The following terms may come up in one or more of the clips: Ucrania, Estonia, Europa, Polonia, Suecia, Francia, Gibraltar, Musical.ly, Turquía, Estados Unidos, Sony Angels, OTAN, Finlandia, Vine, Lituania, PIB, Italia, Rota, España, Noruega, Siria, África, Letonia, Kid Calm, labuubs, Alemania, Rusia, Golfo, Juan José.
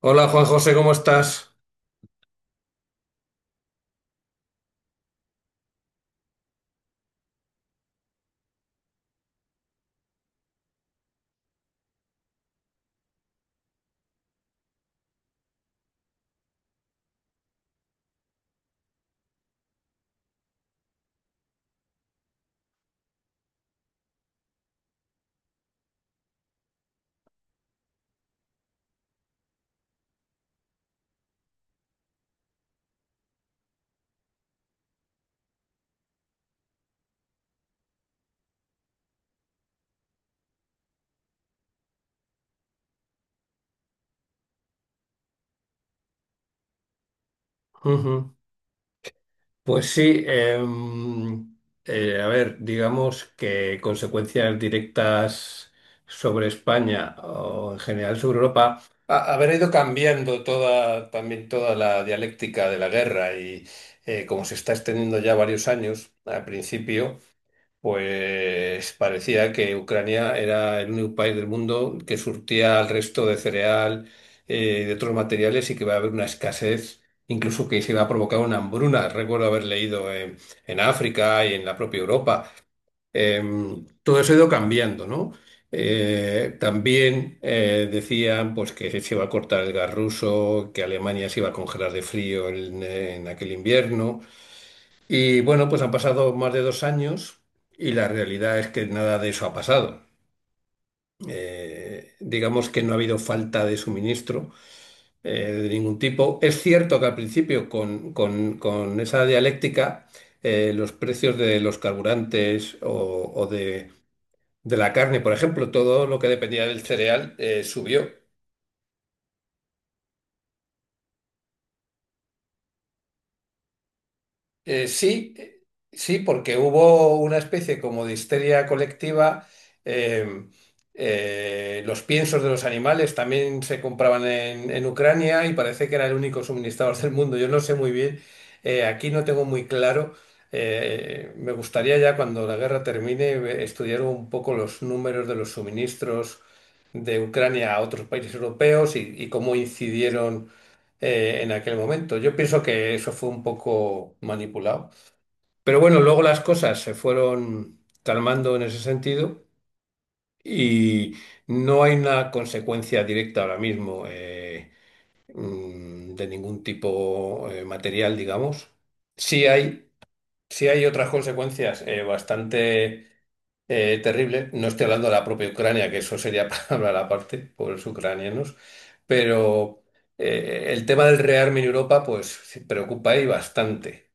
Hola Juan José, ¿cómo estás? Ujú. Pues sí, a ver, digamos que consecuencias directas sobre España o en general sobre Europa, haber ido cambiando toda, también toda la dialéctica de la guerra y como se está extendiendo ya varios años al principio. Pues parecía que Ucrania era el único país del mundo que surtía al resto de cereal, de otros materiales y que va a haber una escasez, incluso que se va a provocar una hambruna. Recuerdo haber leído en África y en la propia Europa. Todo eso ha ido cambiando, ¿no? También decían pues, que se iba a cortar el gas ruso, que Alemania se iba a congelar de frío en aquel invierno. Y bueno, pues han pasado más de 2 años y la realidad es que nada de eso ha pasado. Digamos que no ha habido falta de suministro de ningún tipo. Es cierto que al principio con esa dialéctica los precios de los carburantes o de la carne, por ejemplo, todo lo que dependía del cereal subió. Sí, sí, porque hubo una especie como de histeria colectiva. em, los piensos de los animales también se compraban en Ucrania y parece que era el único suministrador del mundo. Yo no sé muy bien, aquí no tengo muy claro. Eh, me gustaría ya cuando la guerra termine estudiar un poco los números de los suministros de Ucrania a otros países europeos y cómo incidieron en aquel momento. Yo pienso que eso fue un poco manipulado. Pero bueno, luego las cosas se fueron calmando en ese sentido y no hay una consecuencia directa ahora mismo de ningún tipo material, digamos. Sí hay, sí hay otras consecuencias bastante terrible. No estoy hablando de la propia Ucrania, que eso sería para hablar aparte, pobres ucranianos, pero el tema del rearme en Europa, pues sí, preocupa ahí bastante.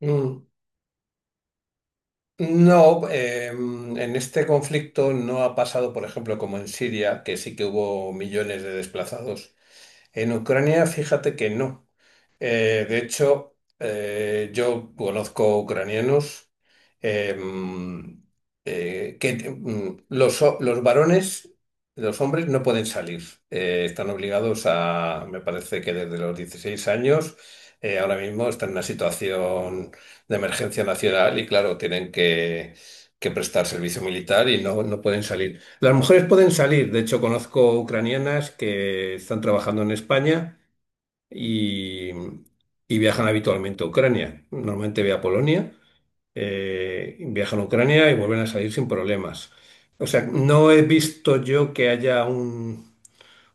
Mm, no, en este conflicto no ha pasado, por ejemplo, como en Siria, que sí que hubo millones de desplazados. En Ucrania, fíjate que no. De hecho, yo conozco ucranianos em, que te- mm, los, ho- los varones, los hombres no pueden salir. Están obligados a, me parece que desde los 16 años, ahora mismo están en una situación de emergencia nacional y claro, que prestar servicio militar y no, no pueden salir. Las mujeres pueden salir. De hecho, conozco ucranianas que están trabajando en España y, y viajan habitualmente a Ucrania. Normalmente ve a Polonia, viajan a Ucrania y vuelven a salir sin problemas. O sea, no he visto yo que haya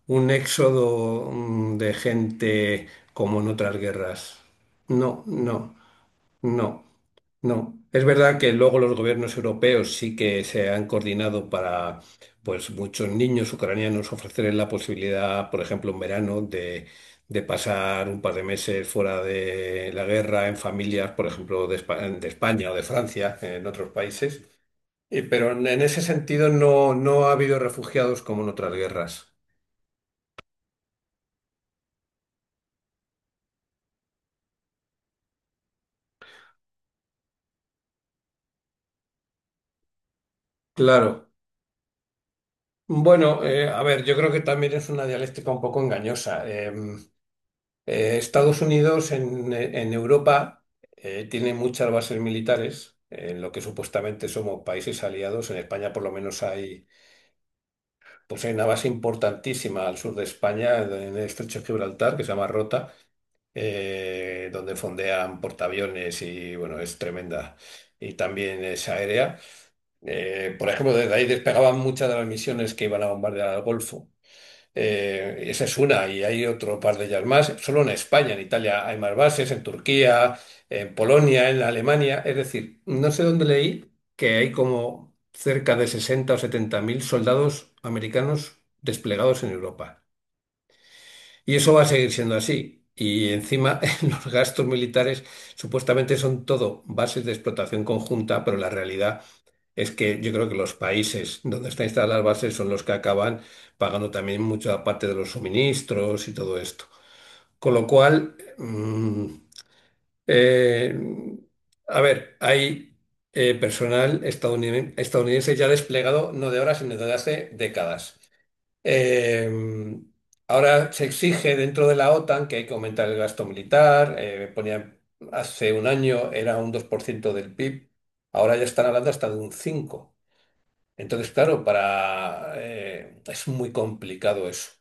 un éxodo de gente como en otras guerras. No, no, no. No, es verdad que luego los gobiernos europeos sí que se han coordinado para, pues, muchos niños ucranianos ofrecerles la posibilidad, por ejemplo, en verano, de pasar un par de meses fuera de la guerra en familias, por ejemplo, de España o de Francia, en otros países. Pero en ese sentido no, no ha habido refugiados como en otras guerras. Claro. Bueno, a ver, yo creo que también es una dialéctica un poco engañosa. Estados Unidos en Europa tiene muchas bases militares, en lo que supuestamente somos países aliados. En España por lo menos hay, pues hay una base importantísima al sur de España, en el estrecho de Gibraltar, que se llama Rota, donde fondean portaaviones y bueno, es tremenda. Y también es aérea. Por ejemplo, desde ahí despegaban muchas de las misiones que iban a bombardear al Golfo. Esa es una, y hay otro par de ellas más. Solo en España, en Italia hay más bases, en Turquía, en Polonia, en Alemania. Es decir, no sé dónde leí que hay como cerca de 60 o 70 mil soldados americanos desplegados en Europa. Y eso va a seguir siendo así. Y encima los gastos militares supuestamente son todo bases de explotación conjunta, pero la realidad es que yo creo que los países donde están instaladas las bases son los que acaban pagando también mucha parte de los suministros y todo esto. Con lo cual, eh, a ver, hay personal estadounidense, ya desplegado no de ahora, sino de hace décadas. Eh, ahora se exige dentro de la OTAN que hay que aumentar el gasto militar. Hace un año era un 2% del PIB, ahora ya están hablando hasta de un 5%. Entonces, claro, para, es muy complicado eso.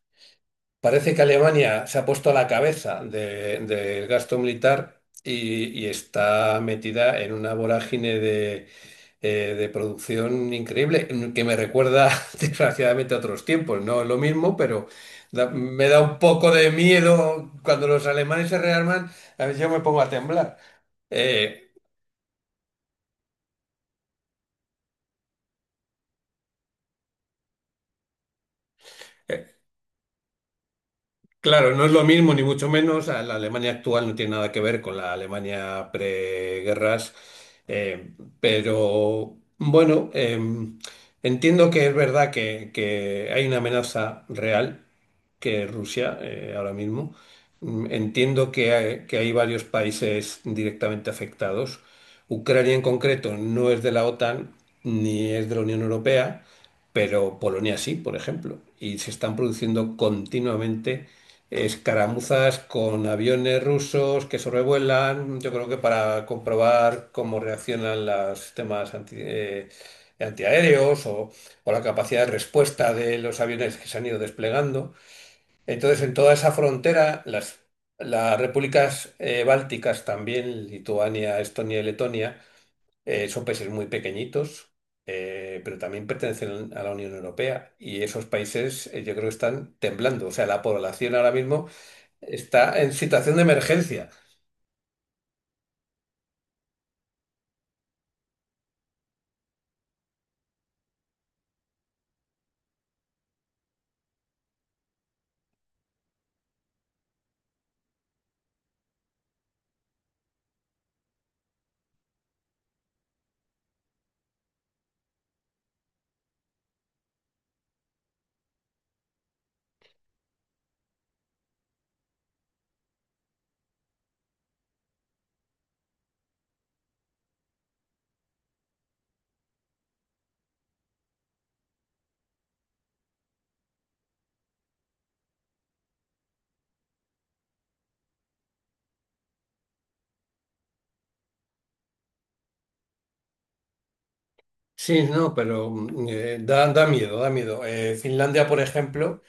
Parece que Alemania se ha puesto a la cabeza del gasto militar y está metida en una vorágine de producción increíble, mm, que me recuerda desgraciadamente a otros tiempos. No es lo mismo, pero me da un poco de miedo cuando los alemanes se rearman, a veces yo me pongo a temblar. Eh, eh, Claro, no es lo mismo, ni mucho menos. A La Alemania actual no tiene nada que ver con la Alemania preguerras, eh, pero bueno, entiendo que es verdad que hay una amenaza real que Rusia ahora mismo. Mm, entiendo que hay varios países directamente afectados. Ucrania en concreto no es de la OTAN ni es de la Unión Europea, pero Polonia sí, por ejemplo. Y se están produciendo continuamente escaramuzas con aviones rusos que sobrevuelan, yo creo que para comprobar cómo reaccionan los sistemas antiaéreos o la capacidad de respuesta de los aviones que se han ido desplegando. Entonces, en toda esa frontera, las repúblicas bálticas también, Lituania, Estonia y Letonia, son países muy pequeñitos, pero también pertenecen a la Unión Europea y esos países yo creo que están temblando. O sea, la población ahora mismo está en situación de emergencia. Sí, no, pero da, da miedo, da miedo. Finlandia, por ejemplo.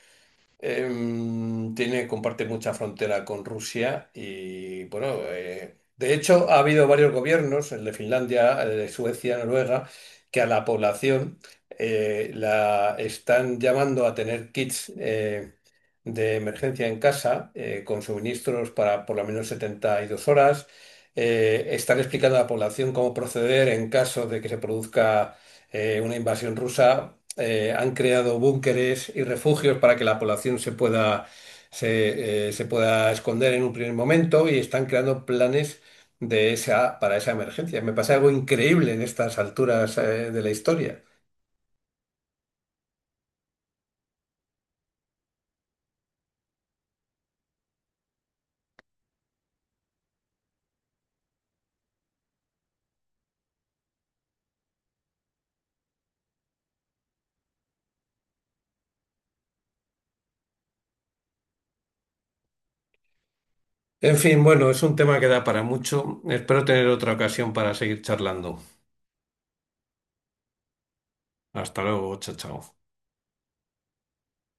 Tiene, comparte mucha frontera con Rusia y bueno, de hecho ha habido varios gobiernos, el de Finlandia, el de Suecia, Noruega, que a la población la están llamando a tener kits de emergencia en casa con suministros para por lo menos 72 horas. Están explicando a la población cómo proceder en caso de que se produzca una invasión rusa han creado búnkeres y refugios para que la población se pueda esconder en un primer momento y están creando planes para esa emergencia. Me pasa algo increíble en estas alturas, de la historia. En fin, bueno, es un tema que da para mucho. Espero tener otra ocasión para seguir charlando. Hasta luego, chao, chao.